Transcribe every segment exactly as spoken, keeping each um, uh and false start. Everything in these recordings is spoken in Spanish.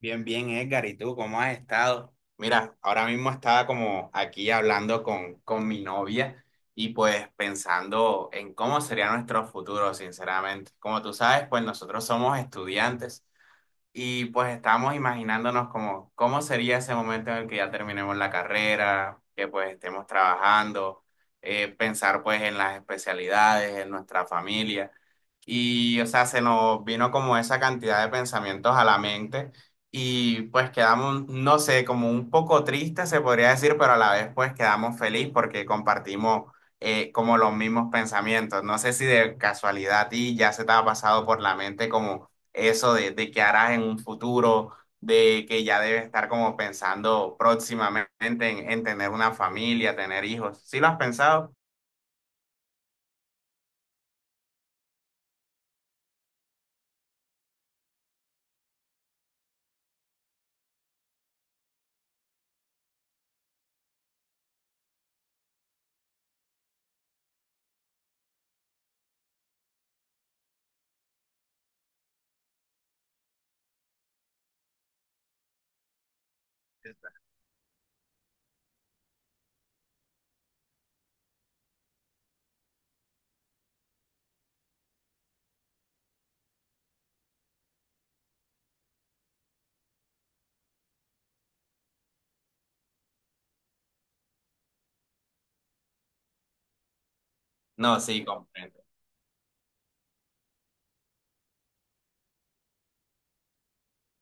Bien, bien, Edgar, ¿y tú cómo has estado? Mira, ahora mismo estaba como aquí hablando con, con mi novia y pues pensando en cómo sería nuestro futuro, sinceramente. Como tú sabes, pues nosotros somos estudiantes y pues estamos imaginándonos como cómo sería ese momento en el que ya terminemos la carrera, que pues estemos trabajando, eh, pensar pues en las especialidades, en nuestra familia. Y, o sea, se nos vino como esa cantidad de pensamientos a la mente y pues quedamos, no sé, como un poco tristes se podría decir, pero a la vez pues quedamos feliz porque compartimos eh, como los mismos pensamientos. No sé si de casualidad a ti ya se te ha pasado por la mente como eso de, de qué harás en un futuro, de que ya debes estar como pensando próximamente en, en tener una familia, tener hijos. ¿Sí lo has pensado? No, sí, comprendo.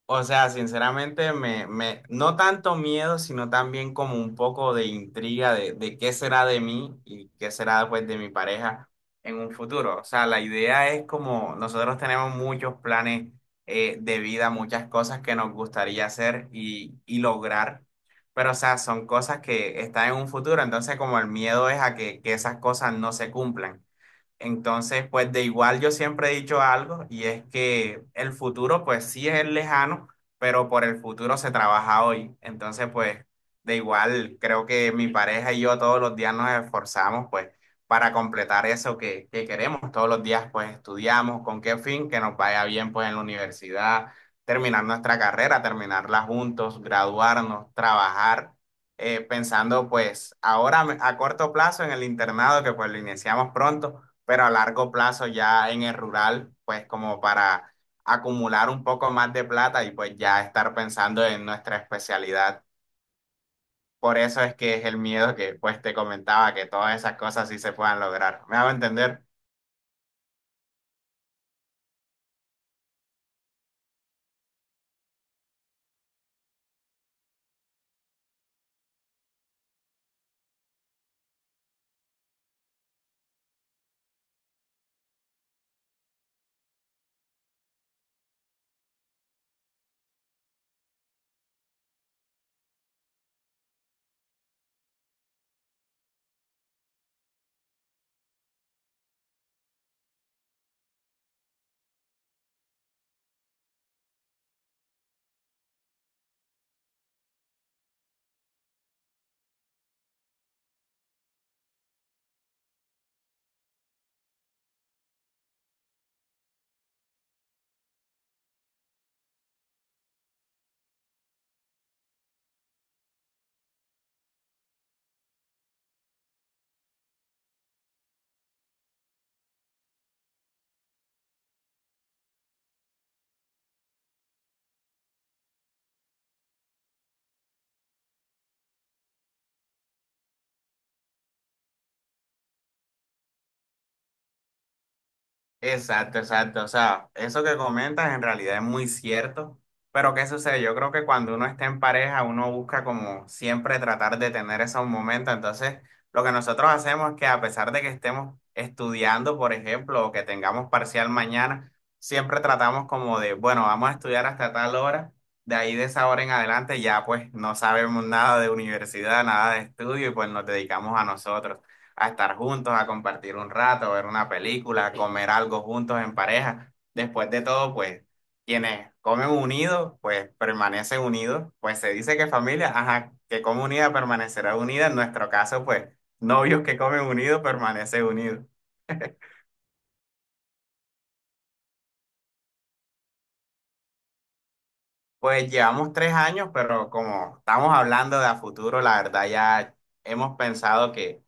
O sea, sinceramente, me, me, no tanto miedo, sino también como un poco de intriga de, de qué será de mí y qué será pues de mi pareja en un futuro. O sea, la idea es como nosotros tenemos muchos planes eh, de vida, muchas cosas que nos gustaría hacer y, y lograr, pero o sea, son cosas que están en un futuro, entonces como el miedo es a que, que esas cosas no se cumplan. Entonces, pues de igual yo siempre he dicho algo y es que el futuro pues sí es lejano, pero por el futuro se trabaja hoy. Entonces, pues de igual creo que mi pareja y yo todos los días nos esforzamos pues para completar eso que, que queremos. Todos los días pues estudiamos con qué fin, que nos vaya bien pues en la universidad, terminar nuestra carrera, terminarla juntos, graduarnos, trabajar eh, pensando pues ahora a corto plazo en el internado que pues lo iniciamos pronto pero a largo plazo ya en el rural, pues como para acumular un poco más de plata y pues ya estar pensando en nuestra especialidad. Por eso es que es el miedo que pues te comentaba, que todas esas cosas sí se puedan lograr. ¿Me hago entender? Exacto, exacto. O sea, eso que comentas en realidad es muy cierto, pero ¿qué sucede? Yo creo que cuando uno está en pareja, uno busca como siempre tratar de tener esos momentos. Entonces, lo que nosotros hacemos es que a pesar de que estemos estudiando, por ejemplo, o que tengamos parcial mañana, siempre tratamos como de, bueno, vamos a estudiar hasta tal hora, de ahí de esa hora en adelante ya pues no sabemos nada de universidad, nada de estudio y pues nos dedicamos a nosotros a estar juntos, a compartir un rato, ver una película, a comer algo juntos en pareja. Después de todo, pues quienes comen unidos, pues permanecen unidos. Pues se dice que familia, ajá, que come unida permanecerá unida. En nuestro caso, pues novios que comen unidos permanecen unidos. Pues llevamos tres años, pero como estamos hablando de a futuro, la verdad ya hemos pensado que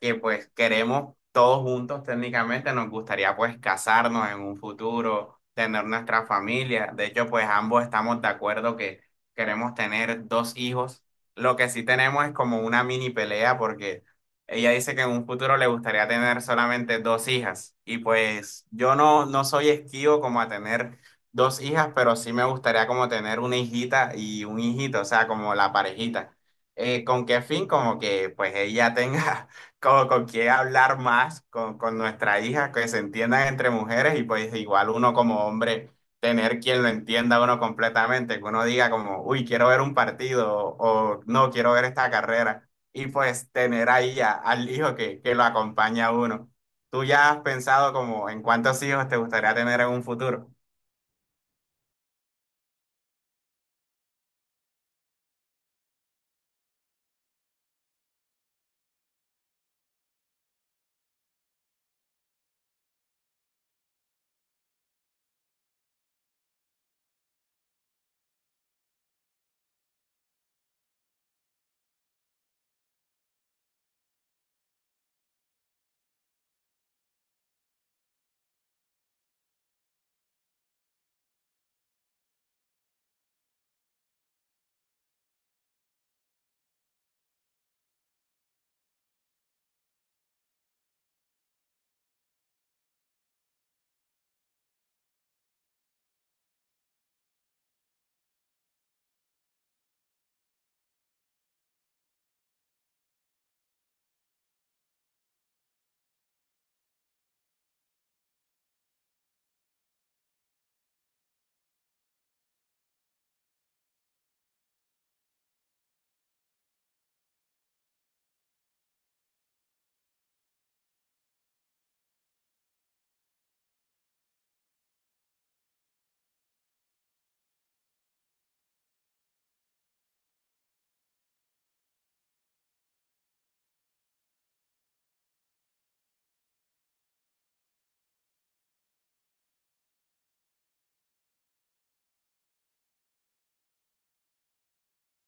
que pues queremos todos juntos técnicamente, nos gustaría pues casarnos en un futuro, tener nuestra familia. De hecho, pues ambos estamos de acuerdo que queremos tener dos hijos. Lo que sí tenemos es como una mini pelea porque ella dice que en un futuro le gustaría tener solamente dos hijas. Y pues yo no, no soy esquivo como a tener dos hijas, pero sí me gustaría como tener una hijita y un hijito, o sea, como la parejita. Eh, ¿con qué fin? Como que pues ella tenga como con qué hablar más con, con nuestra hija, que se entiendan entre mujeres y pues igual uno como hombre, tener quien lo entienda a uno completamente, que uno diga como, uy, quiero ver un partido o no, quiero ver esta carrera y pues tener ahí a- al hijo que, que lo acompaña a uno. ¿Tú ya has pensado como en cuántos hijos te gustaría tener en un futuro?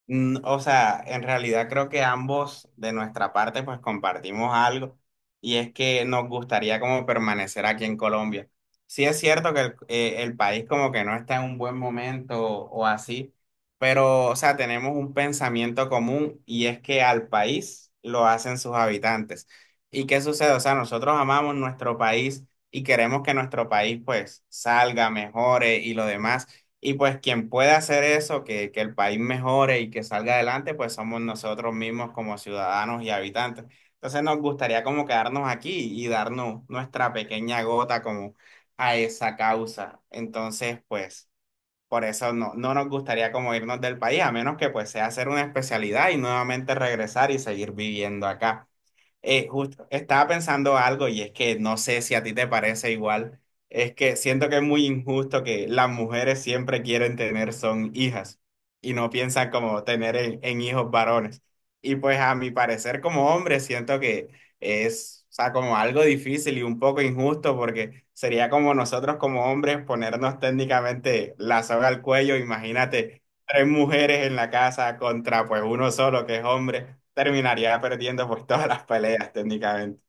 Mm, O sea, en realidad creo que ambos de nuestra parte pues compartimos algo y es que nos gustaría como permanecer aquí en Colombia. Sí es cierto que el, eh, el país como que no está en un buen momento o, o así, pero o sea, tenemos un pensamiento común y es que al país lo hacen sus habitantes. ¿Y qué sucede? O sea, nosotros amamos nuestro país y queremos que nuestro país pues salga, mejore y lo demás. Y pues quien puede hacer eso, que, que el país mejore y que salga adelante, pues somos nosotros mismos como ciudadanos y habitantes. Entonces nos gustaría como quedarnos aquí y darnos nuestra pequeña gota como a esa causa. Entonces, pues por eso no, no nos gustaría como irnos del país, a menos que pues sea hacer una especialidad y nuevamente regresar y seguir viviendo acá. Eh, justo, estaba pensando algo y es que no sé si a ti te parece igual. Es que siento que es muy injusto que las mujeres siempre quieren tener son hijas y no piensan como tener en, en hijos varones. Y pues a mi parecer como hombre siento que es, o sea, como algo difícil y un poco injusto porque sería como nosotros como hombres ponernos técnicamente la soga al cuello. Imagínate tres mujeres en la casa contra pues uno solo que es hombre, terminaría perdiendo pues todas las peleas técnicamente.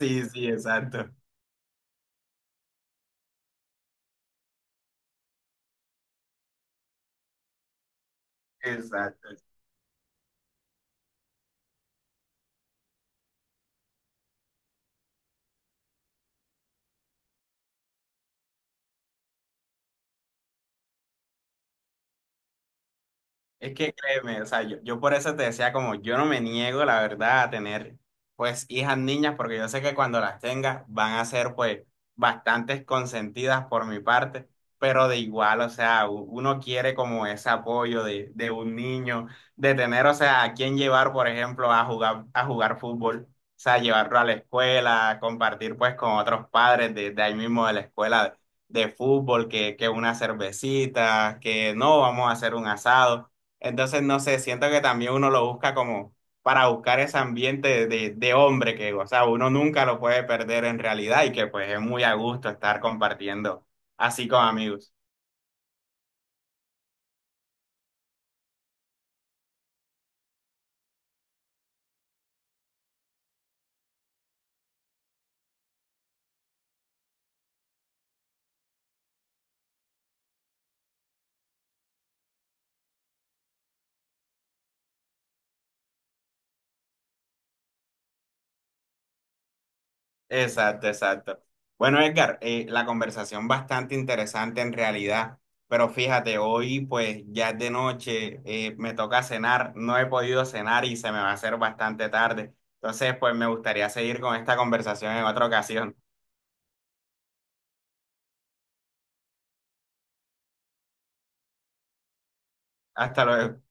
Sí, sí, exacto. Exacto. Es que créeme, o sea, yo, yo por eso te decía como yo no me niego, la verdad, a tener pues hijas niñas, porque yo sé que cuando las tenga van a ser pues bastantes consentidas por mi parte, pero de igual, o sea, u- uno quiere como ese apoyo de, de un niño, de tener, o sea, a quién llevar, por ejemplo, a jugar, a jugar, fútbol, o sea, llevarlo a la escuela, compartir pues con otros padres de, de ahí mismo de la escuela de, de fútbol, que, que una cervecita, que no, vamos a hacer un asado. Entonces, no sé, siento que también uno lo busca como para buscar ese ambiente de, de- hombre que, o sea, uno nunca lo puede perder en realidad y que pues es muy a gusto estar compartiendo así con amigos. Exacto, exacto. Bueno, Edgar, eh, la conversación bastante interesante en realidad, pero fíjate, hoy pues ya es de noche, eh, me toca cenar, no he podido cenar y se me va a hacer bastante tarde. Entonces, pues me gustaría seguir con esta conversación en otra ocasión. Hasta luego.